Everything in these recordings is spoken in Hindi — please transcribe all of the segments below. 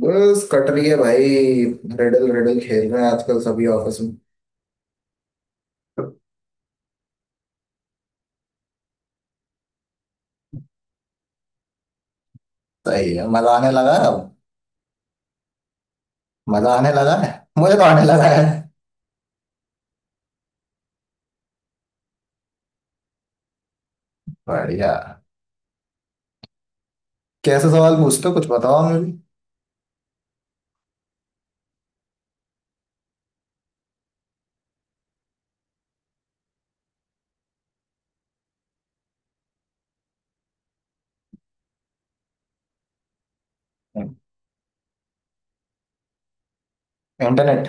बस कट रही है भाई। रिडल रिडल खेल रहे हैं आजकल सभी ऑफिस में। सही है, मजा आने लगा है अब। मजा आने लगा है। मुझे तो आने लगा है। बढ़िया। कैसे सवाल पूछते हो, कुछ बताओ हमें भी। इंटरनेट।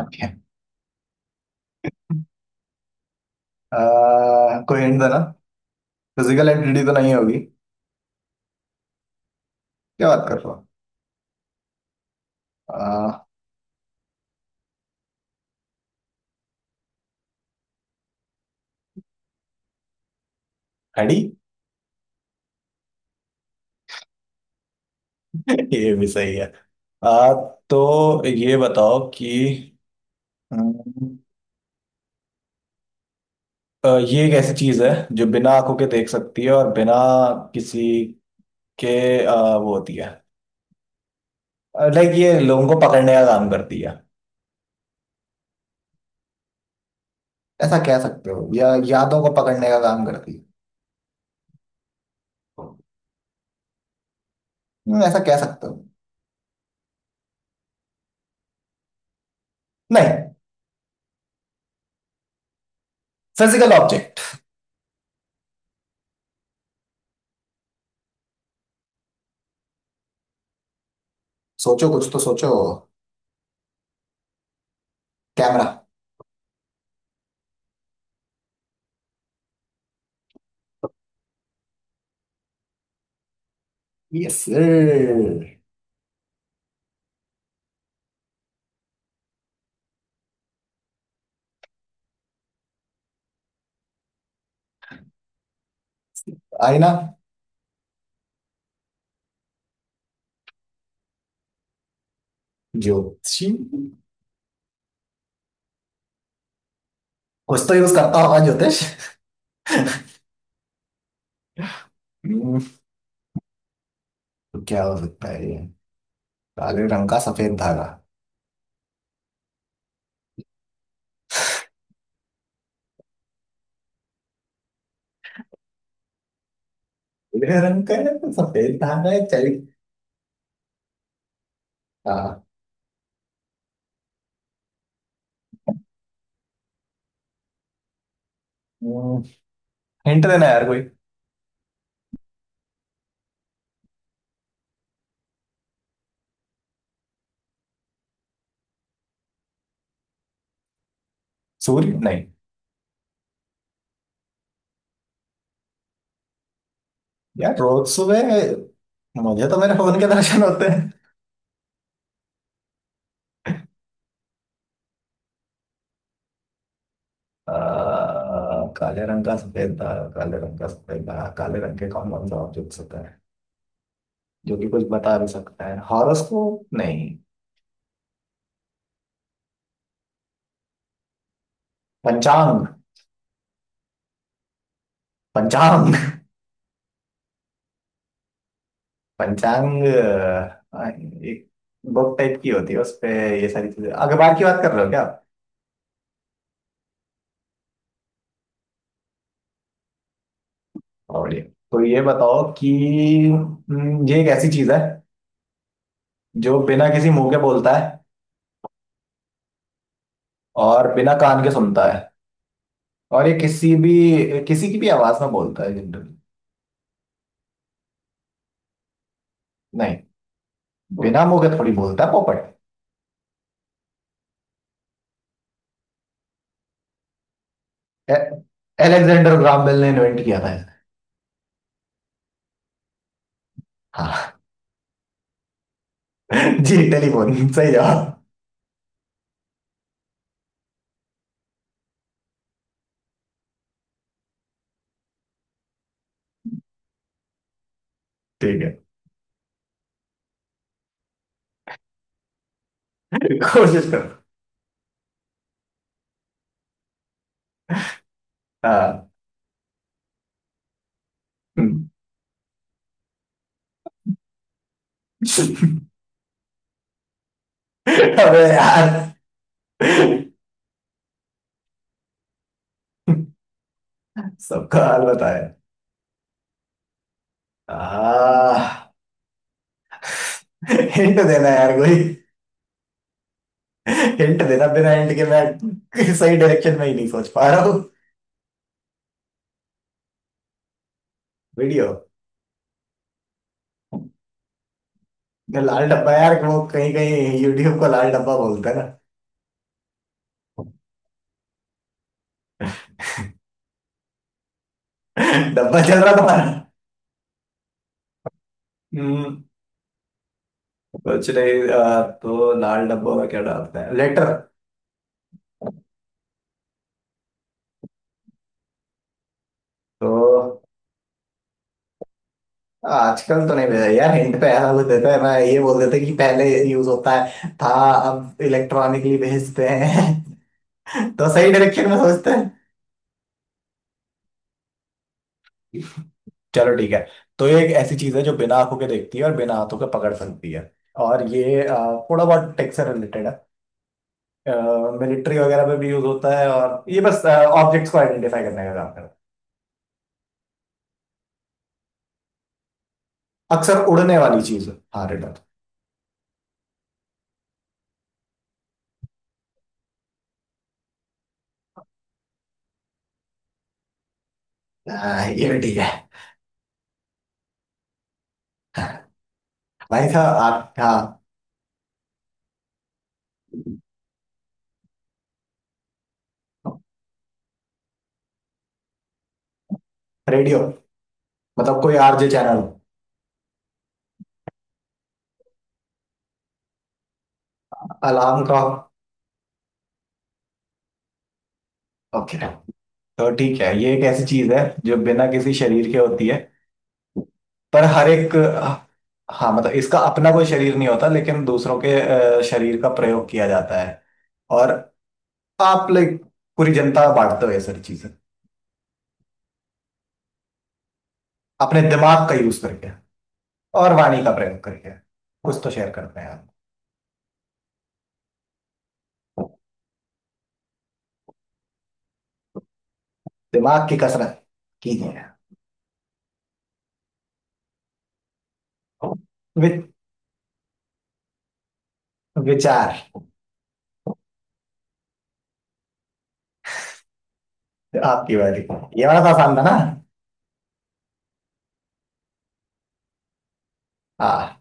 ओके। कोई हिंट देना। फिजिकल एंटिटी तो नहीं होगी क्या। बात कर रहे हो। अह, हड्डी। ये भी सही है। आ, तो ये बताओ कि हम्म, ये एक ऐसी चीज है जो बिना आंखों के देख सकती है और बिना किसी के वो होती है। लाइक ये लोगों को पकड़ने का काम करती है, ऐसा कह सकते हो, या यादों को पकड़ने का काम करती है। ऐसा कह सकते हो। नहीं, फिजिकल ऑब्जेक्ट। सोचो, कुछ तो सोचो। कैमरा। यस। आईना। ज्योतिषी। कुछ तो यूज करता होगा ज्योतिष। हम्म, तो क्या हो सकता है ये, काले रंग का सफेद धागा। काले रंग का है तो सफेद धागा है चल। हाँ। हिंट देना यार कोई। सूर्य नहीं। यार रोज सुबह मुझे तो मेरे फोन के दर्शन होते हैं। आ, काले रंग का सफेद तारा, काले रंग का सफेद तारा, काले रंग के कौन कौन सा ऑब्जेक्ट होता है जो कि कुछ बता भी सकता है, हॉरोस्कोप नहीं। पंचांग। पंचांग। पंचांग। एक बुक टाइप की होती है उस पे ये सारी चीजें, अखबार की बात कर रहे हो क्या आप? और बढ़िया। तो ये बताओ कि ये एक ऐसी चीज है जो बिना किसी मुंह के बोलता है और बिना कान के सुनता है, और ये किसी की भी आवाज में बोलता है जनरली। नहीं, बिना मुंह के थोड़ी बोलता है पोपट। ए- एलेक्जेंडर ग्राहम बेल ने इन्वेंट किया था इसे। हाँ। जी, टेलीफोन, सही जवाब। ठीक है। कोशिश करो। हाँ। अबे यार, सबका हाल बताया। आ, हिंट देना यार कोई। हिंट देना, बिना हिंट के मैं सही डायरेक्शन में ही नहीं सोच पा रहा हूँ। वीडियो। लाल डब्बा यार, वो कहीं कहीं यूट्यूब को लाल डब्बा बोलते हैं। डब्बा चल रहा तुम्हारा। हम्म। कुछ नहीं, तो लाल डब्बों में क्या डालते हैं, लेटर। तो आजकल तो नहीं भेजा यार, हिंट पे ऐसा कुछ देते हैं मैं, ये बोल देते कि पहले यूज होता है था, अब इलेक्ट्रॉनिकली भेजते हैं। तो सही डायरेक्शन में सोचते हैं। चलो ठीक है। तो ये एक ऐसी चीज है जो बिना आंखों के देखती है और बिना हाथों के पकड़ सकती है, और ये थोड़ा बहुत टेक से रिलेटेड है। मिलिट्री वगैरह में भी यूज होता है, और ये बस ऑब्जेक्ट्स को आइडेंटिफाई करने का काम, अक्सर उड़ने वाली चीज। हाँ रिडल। हाँ, ये भी ठीक है। भाई साहब आप, हाँ। रेडियो, मतलब कोई आरजे चैनल। अलार्म का। ओके। तो ठीक है, ये एक ऐसी चीज है जो बिना किसी शरीर के होती है पर हर एक। हाँ, मतलब इसका अपना कोई शरीर नहीं होता लेकिन दूसरों के शरीर का प्रयोग किया जाता है, और आप लाइक पूरी जनता बांटते हो ये सारी चीजें अपने दिमाग का यूज करके और वाणी का प्रयोग करके, कुछ तो शेयर करते हैं आप। दिमाग की कसरत कीजिए। वि- विचार। आपकी बारी। ये वाला तो आसान था ना। हाँ।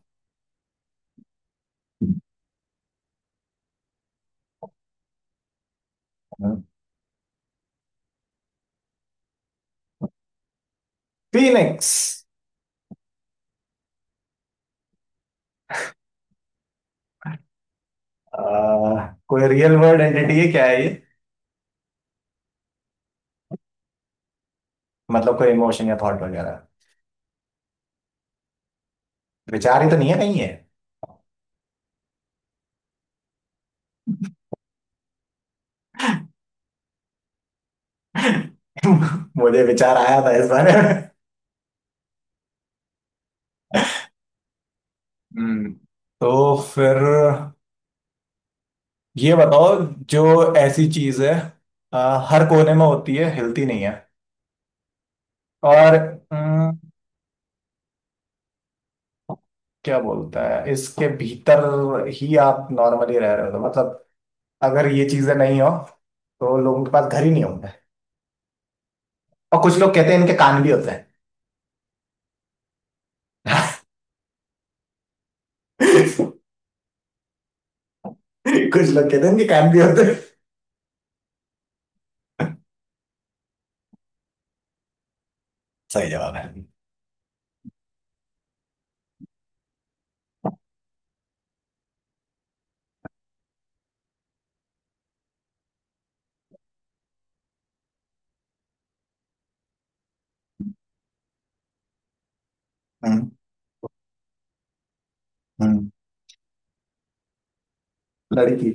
फीनिक्स। कोई रियल वर्ल्ड एंटिटी है, क्या है ये, मतलब कोई इमोशन या थॉट वगैरह। विचार ही तो नहीं है कहीं है। मुझे विचार आया था इस बारे में। हम्म। तो फिर ये बताओ, जो ऐसी चीज है अ, हर कोने में होती है, हिलती नहीं है, और अम, क्या बोलता है इसके भीतर ही आप नॉर्मली रह रहे हो, तो मतलब अगर ये चीजें नहीं हो तो लोगों के पास घर ही नहीं होंगे। और कुछ लोग कहते हैं इनके कान भी होते हैं। कुछ लोग कहते हैं इनके कान भी होते हैं। सही जवाब है। हम्म। हम्म। लड़की।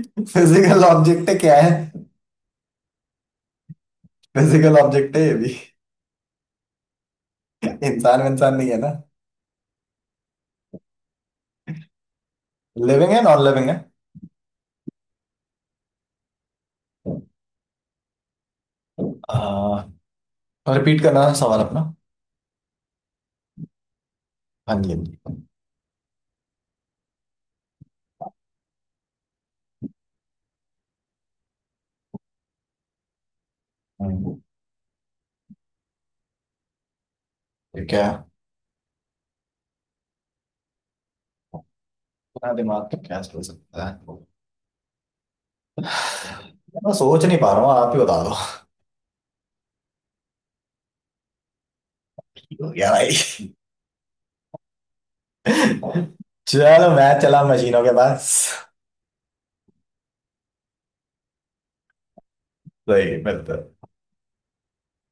फिजिकल ऑब्जेक्ट क्या है। फिजिकल ऑब्जेक्ट है ये भी। इंसान इंसान नहीं है ना। लिविंग है, नॉन लिविंग है। रिपीट करना सवाल अपना। हाँ जी, हाँ जी। हम्म, ये क्या, इतना दिमाग तो क्या सोच सकता है यार, मैं सोच नहीं पा रहा हूँ, आप ही बता दो। क्या भाई, चलो मैं चला मशीनों के पास। सही मतलब।